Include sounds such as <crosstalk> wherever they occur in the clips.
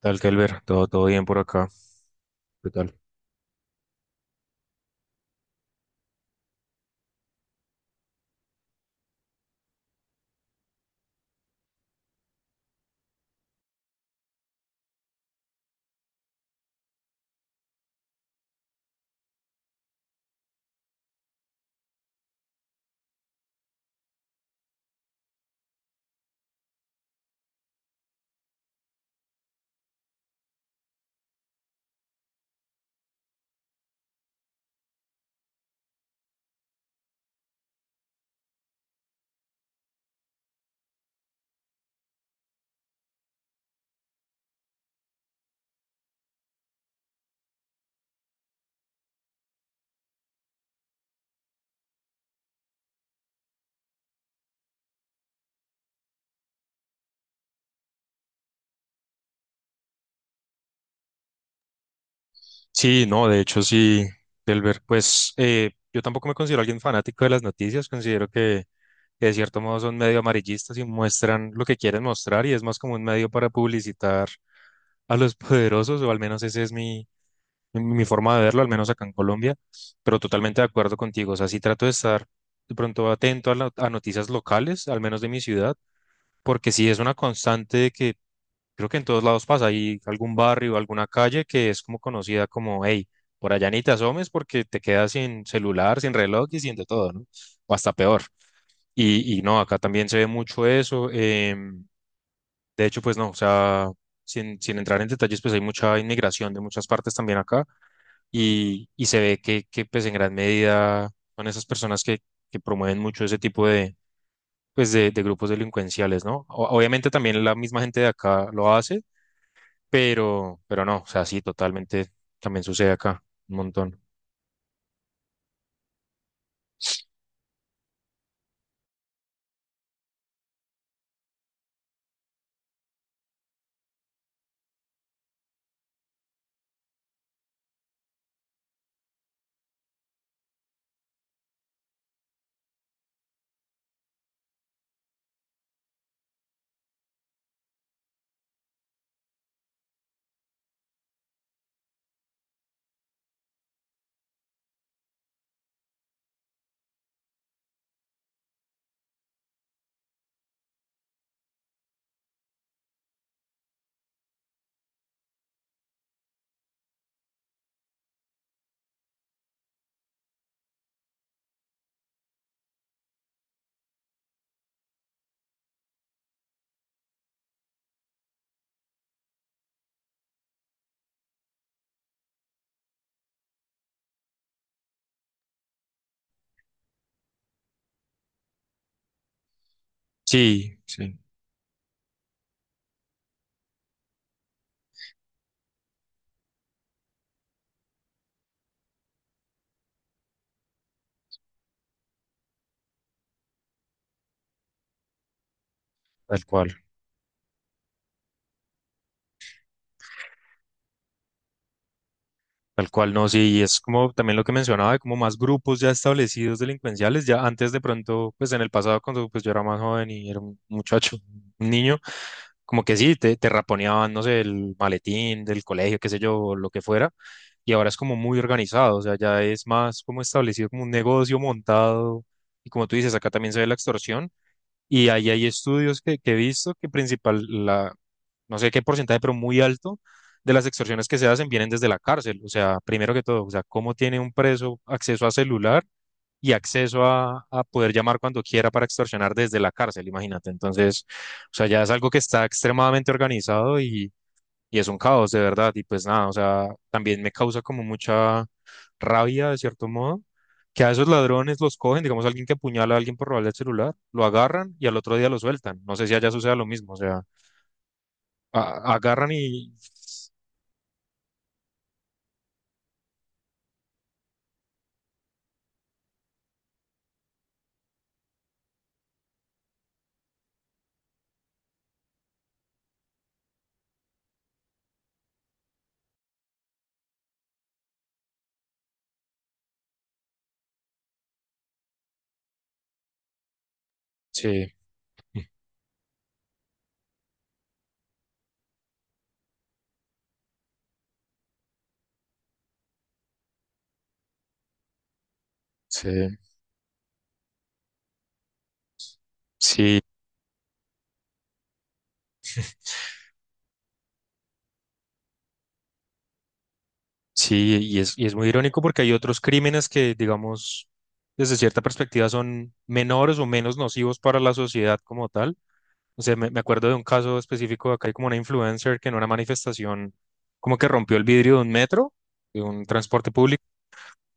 Tal, Kelber, todo bien por acá. ¿Qué tal? Sí, no, de hecho sí, Kelber, pues yo tampoco me considero alguien fanático de las noticias, considero que de cierto modo son medio amarillistas y muestran lo que quieren mostrar y es más como un medio para publicitar a los <laughs> poderosos, o al menos esa es mi forma de verlo, al menos acá en Colombia, pero totalmente de acuerdo contigo, o sea, sí trato de estar de pronto atento a, a noticias locales, al menos de mi ciudad, porque sí es una constante de que creo que en todos lados pasa. Hay algún barrio, alguna calle que es como conocida como, hey, por allá ni te asomes porque te quedas sin celular, sin reloj y sin de todo, ¿no? O hasta peor. Y no, acá también se ve mucho eso. De hecho, pues no, o sea, sin entrar en detalles, pues hay mucha inmigración de muchas partes también acá y se ve que pues en gran medida son esas personas que promueven mucho ese tipo de de grupos delincuenciales, ¿no? Obviamente también la misma gente de acá lo hace pero no, o sea, sí, totalmente también sucede acá, un montón. Sí, sí, tal cual, tal cual, no, sí, y es como también lo que mencionaba, de como más grupos ya establecidos delincuenciales, ya antes de pronto, pues en el pasado, cuando pues yo era más joven y era un muchacho, un niño, como que sí, te raponeaban, no sé, el maletín del colegio, qué sé yo, o lo que fuera, y ahora es como muy organizado, o sea, ya es más como establecido como un negocio montado, y como tú dices, acá también se ve la extorsión. Y ahí hay estudios que he visto que principal, no sé qué porcentaje, pero muy alto de las extorsiones que se hacen vienen desde la cárcel. O sea, primero que todo, o sea, cómo tiene un preso acceso a celular y acceso a poder llamar cuando quiera para extorsionar desde la cárcel, imagínate. Entonces, o sea, ya es algo que está extremadamente organizado y es un caos, de verdad. Y pues nada, o sea, también me causa como mucha rabia de cierto modo, que a esos ladrones los cogen, digamos, alguien que apuñala a alguien por robarle el celular, lo agarran y al otro día lo sueltan. No sé si allá suceda lo mismo, o sea, agarran y... Sí, sí, sí, sí, y es muy irónico porque hay otros crímenes que, digamos, desde cierta perspectiva son menores o menos nocivos para la sociedad como tal. O sea, me acuerdo de un caso específico, acá hay como una influencer que en una manifestación como que rompió el vidrio de un metro, de un transporte público.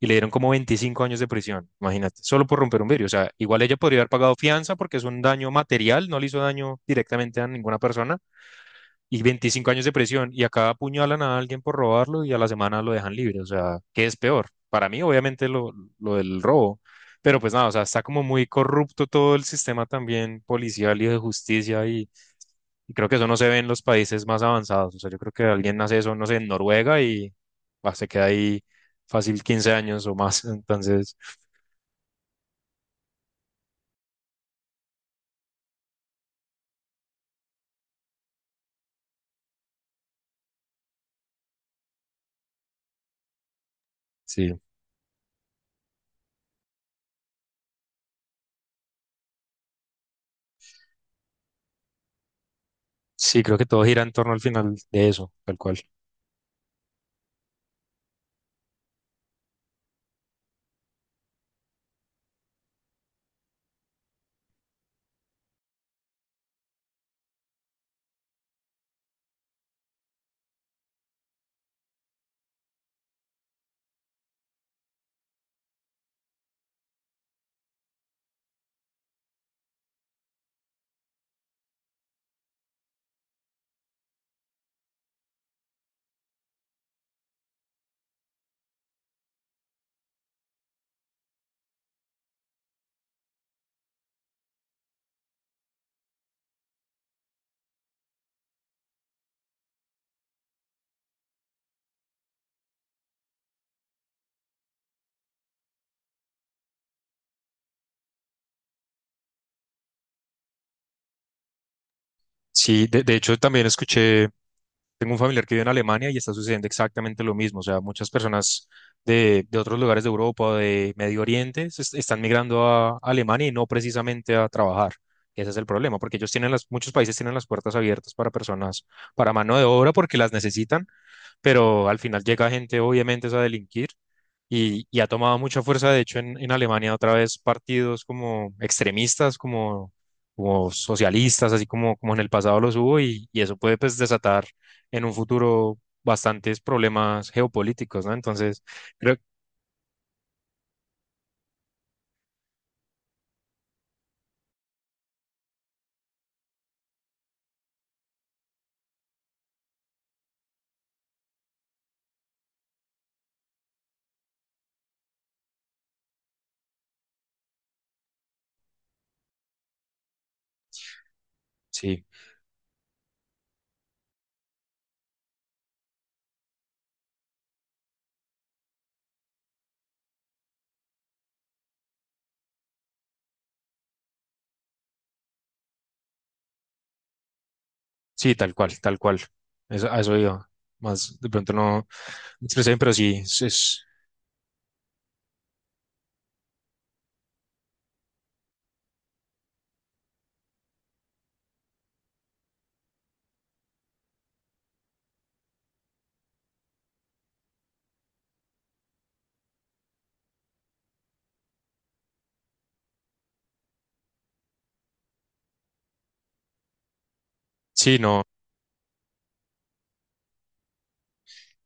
Y le dieron como 25 años de prisión, imagínate, solo por romper un vidrio. O sea, igual ella podría haber pagado fianza porque es un daño material, no le hizo daño directamente a ninguna persona y 25 años de prisión y acá apuñalan a alguien por robarlo y a la semana lo dejan libre. O sea, ¿qué es peor? Para mí, obviamente, lo del robo, pero pues nada, o sea, está como muy corrupto todo el sistema también policial y de justicia y creo que eso no se ve en los países más avanzados. O sea, yo creo que alguien hace eso, no sé, en Noruega y bah, se queda ahí fácil 15 años o más. <laughs> Entonces, sí, sí, creo que todo gira en torno al final de eso, tal cual. Sí, de hecho también escuché. Tengo un familiar que vive en Alemania y está sucediendo exactamente lo mismo. O sea, muchas personas de otros lugares de Europa, o de Medio Oriente, están migrando a Alemania y no precisamente a trabajar. Ese es el problema, porque ellos tienen las, muchos países tienen las puertas abiertas para personas, para mano de obra, porque las necesitan, pero al final llega gente obviamente es a delinquir y ha tomado mucha fuerza, de hecho en Alemania otra vez partidos como extremistas, como socialistas, así como en el pasado los hubo y eso puede pues desatar en un futuro bastantes problemas geopolíticos, ¿no? Entonces, creo que sí, sí, tal cual, tal cual. Eso, a eso iba. Más de pronto no me expresé bien, pero sí, es sí, no.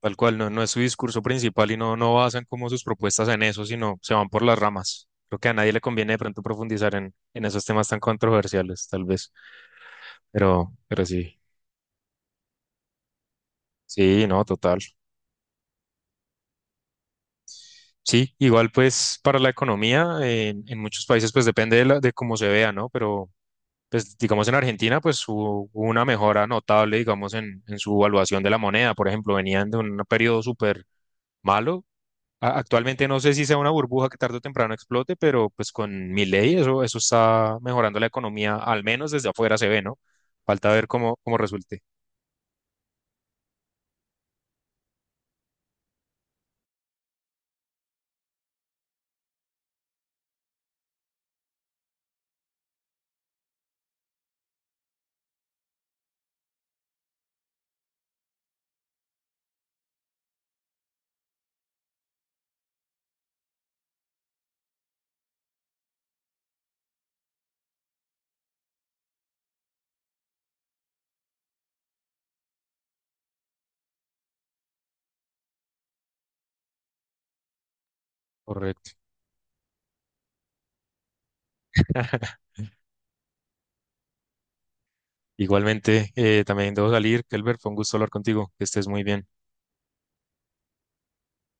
Tal cual, no, no es su discurso principal y no, no basan como sus propuestas en eso, sino se van por las ramas. Creo que a nadie le conviene de pronto profundizar en esos temas tan controversiales, tal vez. Pero sí, sí, no, total. Sí, igual pues para la economía, en muchos países pues depende de, de cómo se vea, ¿no? Pero pues digamos en Argentina pues hubo una mejora notable, digamos, en su evaluación de la moneda. Por ejemplo, venían de un periodo súper malo. Actualmente no sé si sea una burbuja que tarde o temprano explote, pero pues con mi ley eso está mejorando la economía, al menos desde afuera se ve, ¿no? Falta ver cómo resulte. Correcto. <laughs> Igualmente, también debo salir. Kelber, fue un gusto hablar contigo. Que estés muy bien.